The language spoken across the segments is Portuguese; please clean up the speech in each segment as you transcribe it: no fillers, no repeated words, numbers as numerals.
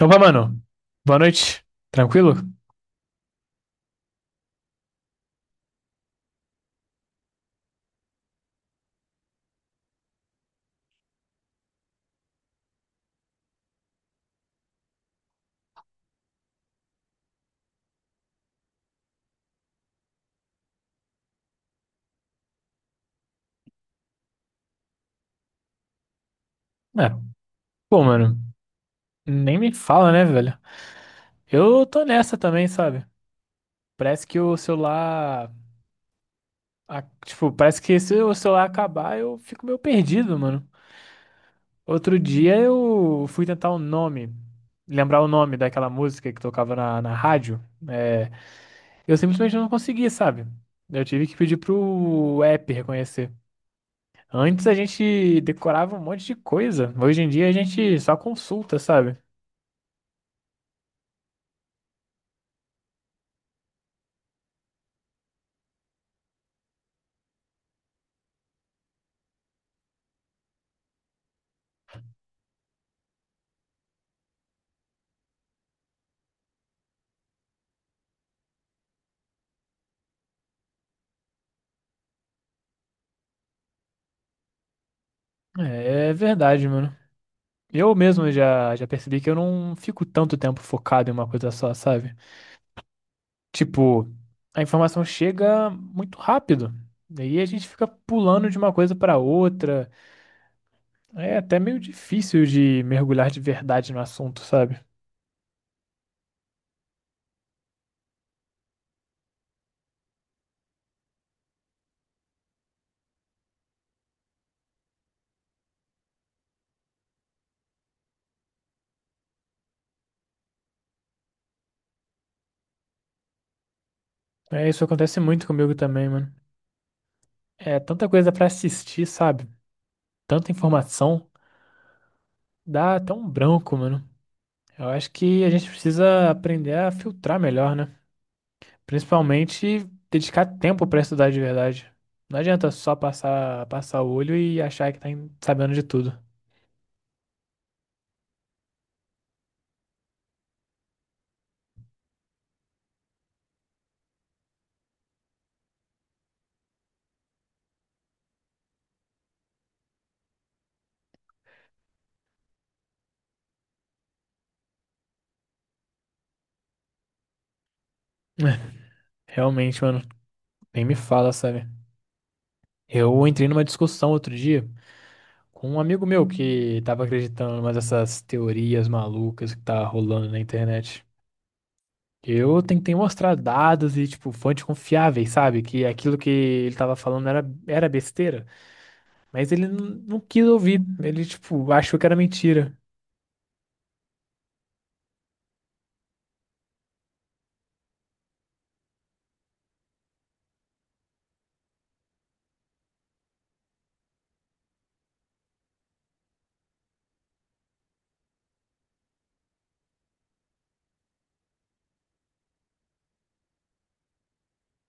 Opa, mano. Boa noite. Tranquilo? É. Pô, mano, nem me fala, né, velho? Eu tô nessa também, sabe? Parece que o celular. Tipo, parece que se o celular acabar, eu fico meio perdido, mano. Outro dia eu fui tentar o nome, lembrar o nome daquela música que tocava na rádio. É, eu simplesmente não consegui, sabe? Eu tive que pedir pro app reconhecer. Antes a gente decorava um monte de coisa. Hoje em dia a gente só consulta, sabe? É verdade, mano. Eu mesmo já percebi que eu não fico tanto tempo focado em uma coisa só, sabe? Tipo, a informação chega muito rápido. Daí a gente fica pulando de uma coisa pra outra. É até meio difícil de mergulhar de verdade no assunto, sabe? É, isso acontece muito comigo também, mano. É tanta coisa pra assistir, sabe? Tanta informação, dá até um branco, mano. Eu acho que a gente precisa aprender a filtrar melhor, né? Principalmente dedicar tempo pra estudar de verdade. Não adianta só passar o olho e achar que tá sabendo de tudo. Realmente, mano, nem me fala, sabe? Eu entrei numa discussão outro dia com um amigo meu que tava acreditando em umas dessas teorias malucas que tá rolando na internet. Eu tentei mostrar dados e, tipo, fontes confiáveis, sabe? Que aquilo que ele tava falando era besteira. Mas ele não quis ouvir. Ele, tipo, achou que era mentira.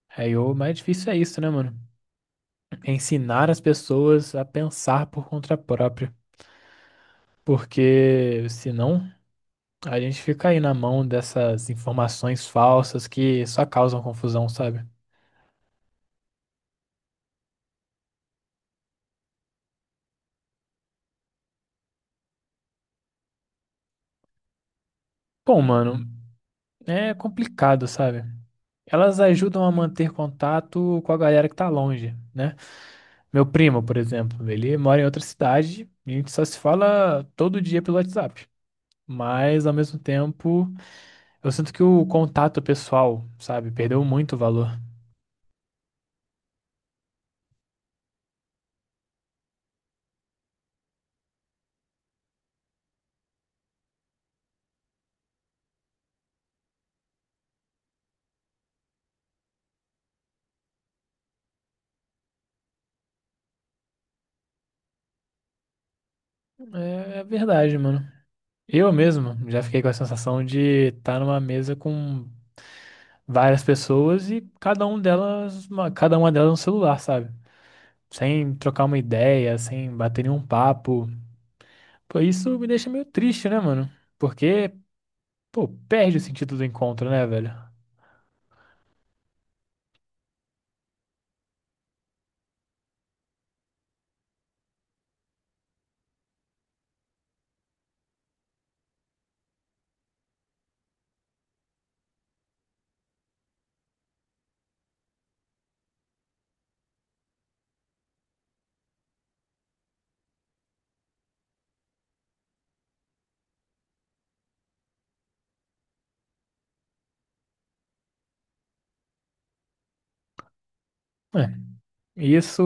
Aí, o mais difícil é isso, né, mano? É ensinar as pessoas a pensar por conta própria. Porque senão a gente fica aí na mão dessas informações falsas que só causam confusão, sabe? Bom, mano, é complicado, sabe? Elas ajudam a manter contato com a galera que tá longe, né? Meu primo, por exemplo, ele mora em outra cidade e a gente só se fala todo dia pelo WhatsApp. Mas ao mesmo tempo, eu sinto que o contato pessoal, sabe, perdeu muito valor. É verdade, mano. Eu mesmo já fiquei com a sensação de estar numa mesa com várias pessoas e cada uma delas no celular, sabe? Sem trocar uma ideia, sem bater nenhum papo. Pô, isso me deixa meio triste, né, mano? Porque, pô, perde o sentido do encontro, né, velho? É, isso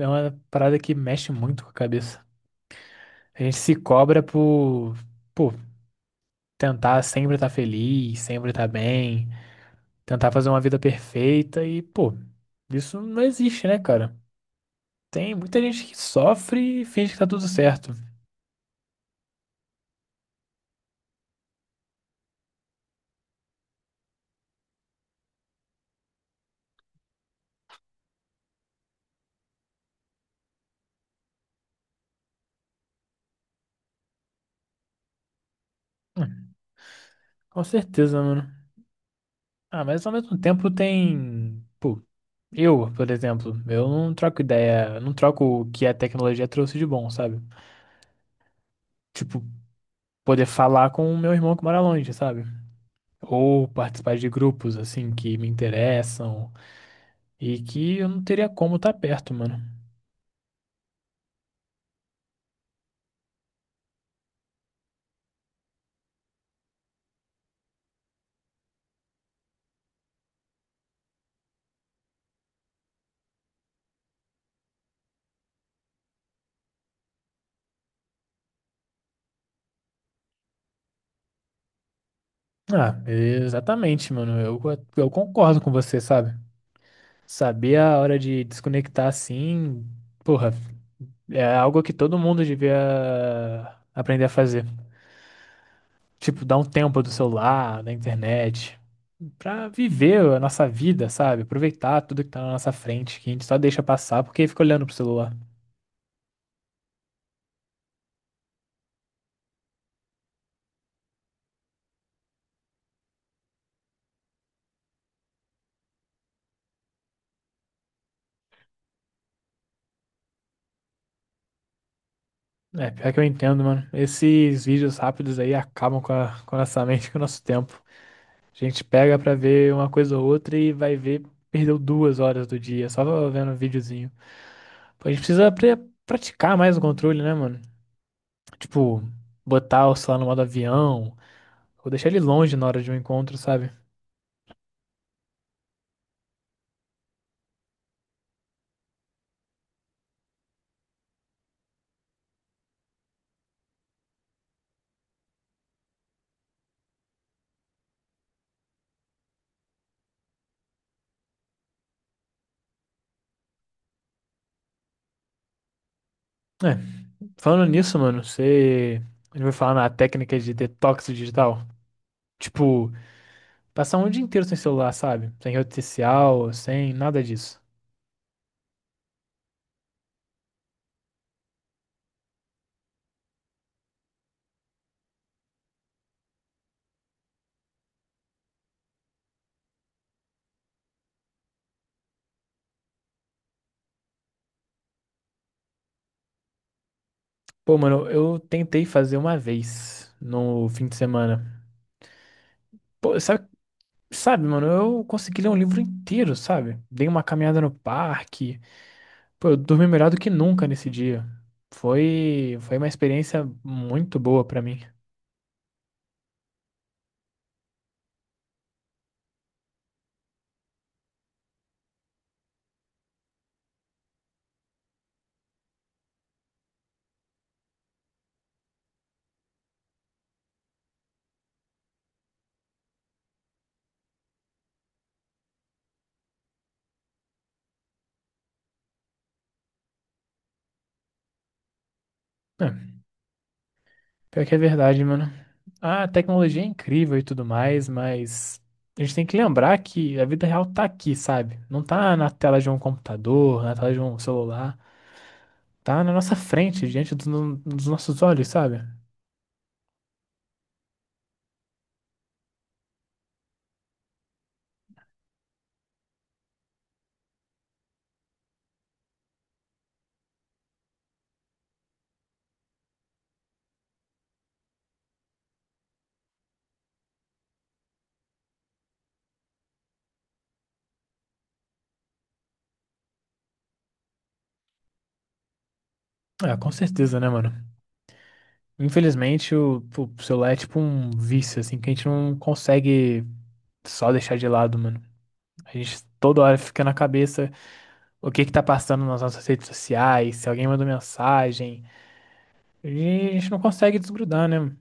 é uma parada que mexe muito com a cabeça. A gente se cobra por, pô, tentar sempre estar feliz, sempre estar bem. Tentar fazer uma vida perfeita e, pô, isso não existe, né, cara? Tem muita gente que sofre e finge que tá tudo certo. Hum, Com certeza, mano. Ah, mas ao mesmo tempo tem. Pô, eu, por exemplo, eu não troco ideia, não troco o que a tecnologia trouxe de bom, sabe? Tipo, poder falar com o meu irmão que mora longe, sabe? Ou participar de grupos, assim, que me interessam e que eu não teria como estar perto, mano. Ah, exatamente, mano. Eu concordo com você, sabe? Saber a hora de desconectar assim, porra, é algo que todo mundo devia aprender a fazer. Tipo, dar um tempo do celular, da internet, pra viver a nossa vida, sabe? Aproveitar tudo que tá na nossa frente, que a gente só deixa passar porque fica olhando pro celular. É, pior que eu entendo, mano. Esses vídeos rápidos aí acabam com a nossa mente, com o nosso tempo. A gente pega pra ver uma coisa ou outra e vai ver, perdeu 2 horas do dia só vendo um videozinho. A gente precisa praticar mais o controle, né, mano? Tipo, botar o celular no modo avião, ou deixar ele longe na hora de um encontro, sabe? É, falando nisso, mano, você. A gente vai falar na técnica de detox digital. Tipo, passar um dia inteiro sem celular, sabe? Sem rede social, sem nada disso. Pô, mano, eu tentei fazer uma vez no fim de semana. Pô, sabe, mano, eu consegui ler um livro inteiro, sabe? Dei uma caminhada no parque. Pô, eu dormi melhor do que nunca nesse dia. Foi uma experiência muito boa pra mim. É, pior que é verdade, mano. A tecnologia é incrível e tudo mais, mas a gente tem que lembrar que a vida real tá aqui, sabe? Não tá na tela de um computador, na tela de um celular. Tá na nossa frente, diante dos nossos olhos, sabe? Ah, com certeza, né, mano? Infelizmente, o celular é tipo um vício, assim, que a gente não consegue só deixar de lado, mano. A gente toda hora fica na cabeça, o que que tá passando nas nossas redes sociais, se alguém mandou mensagem. E a gente não consegue desgrudar, né?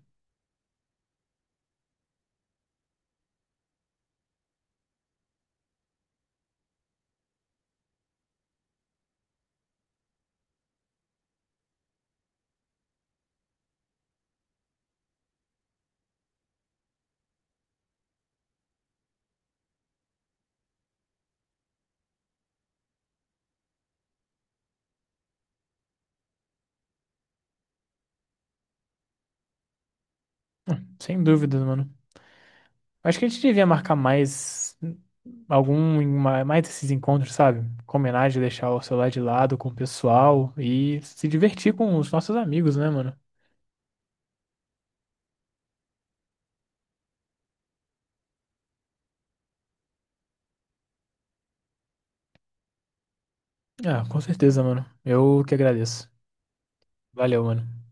Sem dúvidas, mano. Acho que a gente devia marcar mais esses encontros, sabe? Combinar de deixar o celular de lado com o pessoal e se divertir com os nossos amigos, né, mano? Ah, com certeza, mano. Eu que agradeço. Valeu, mano.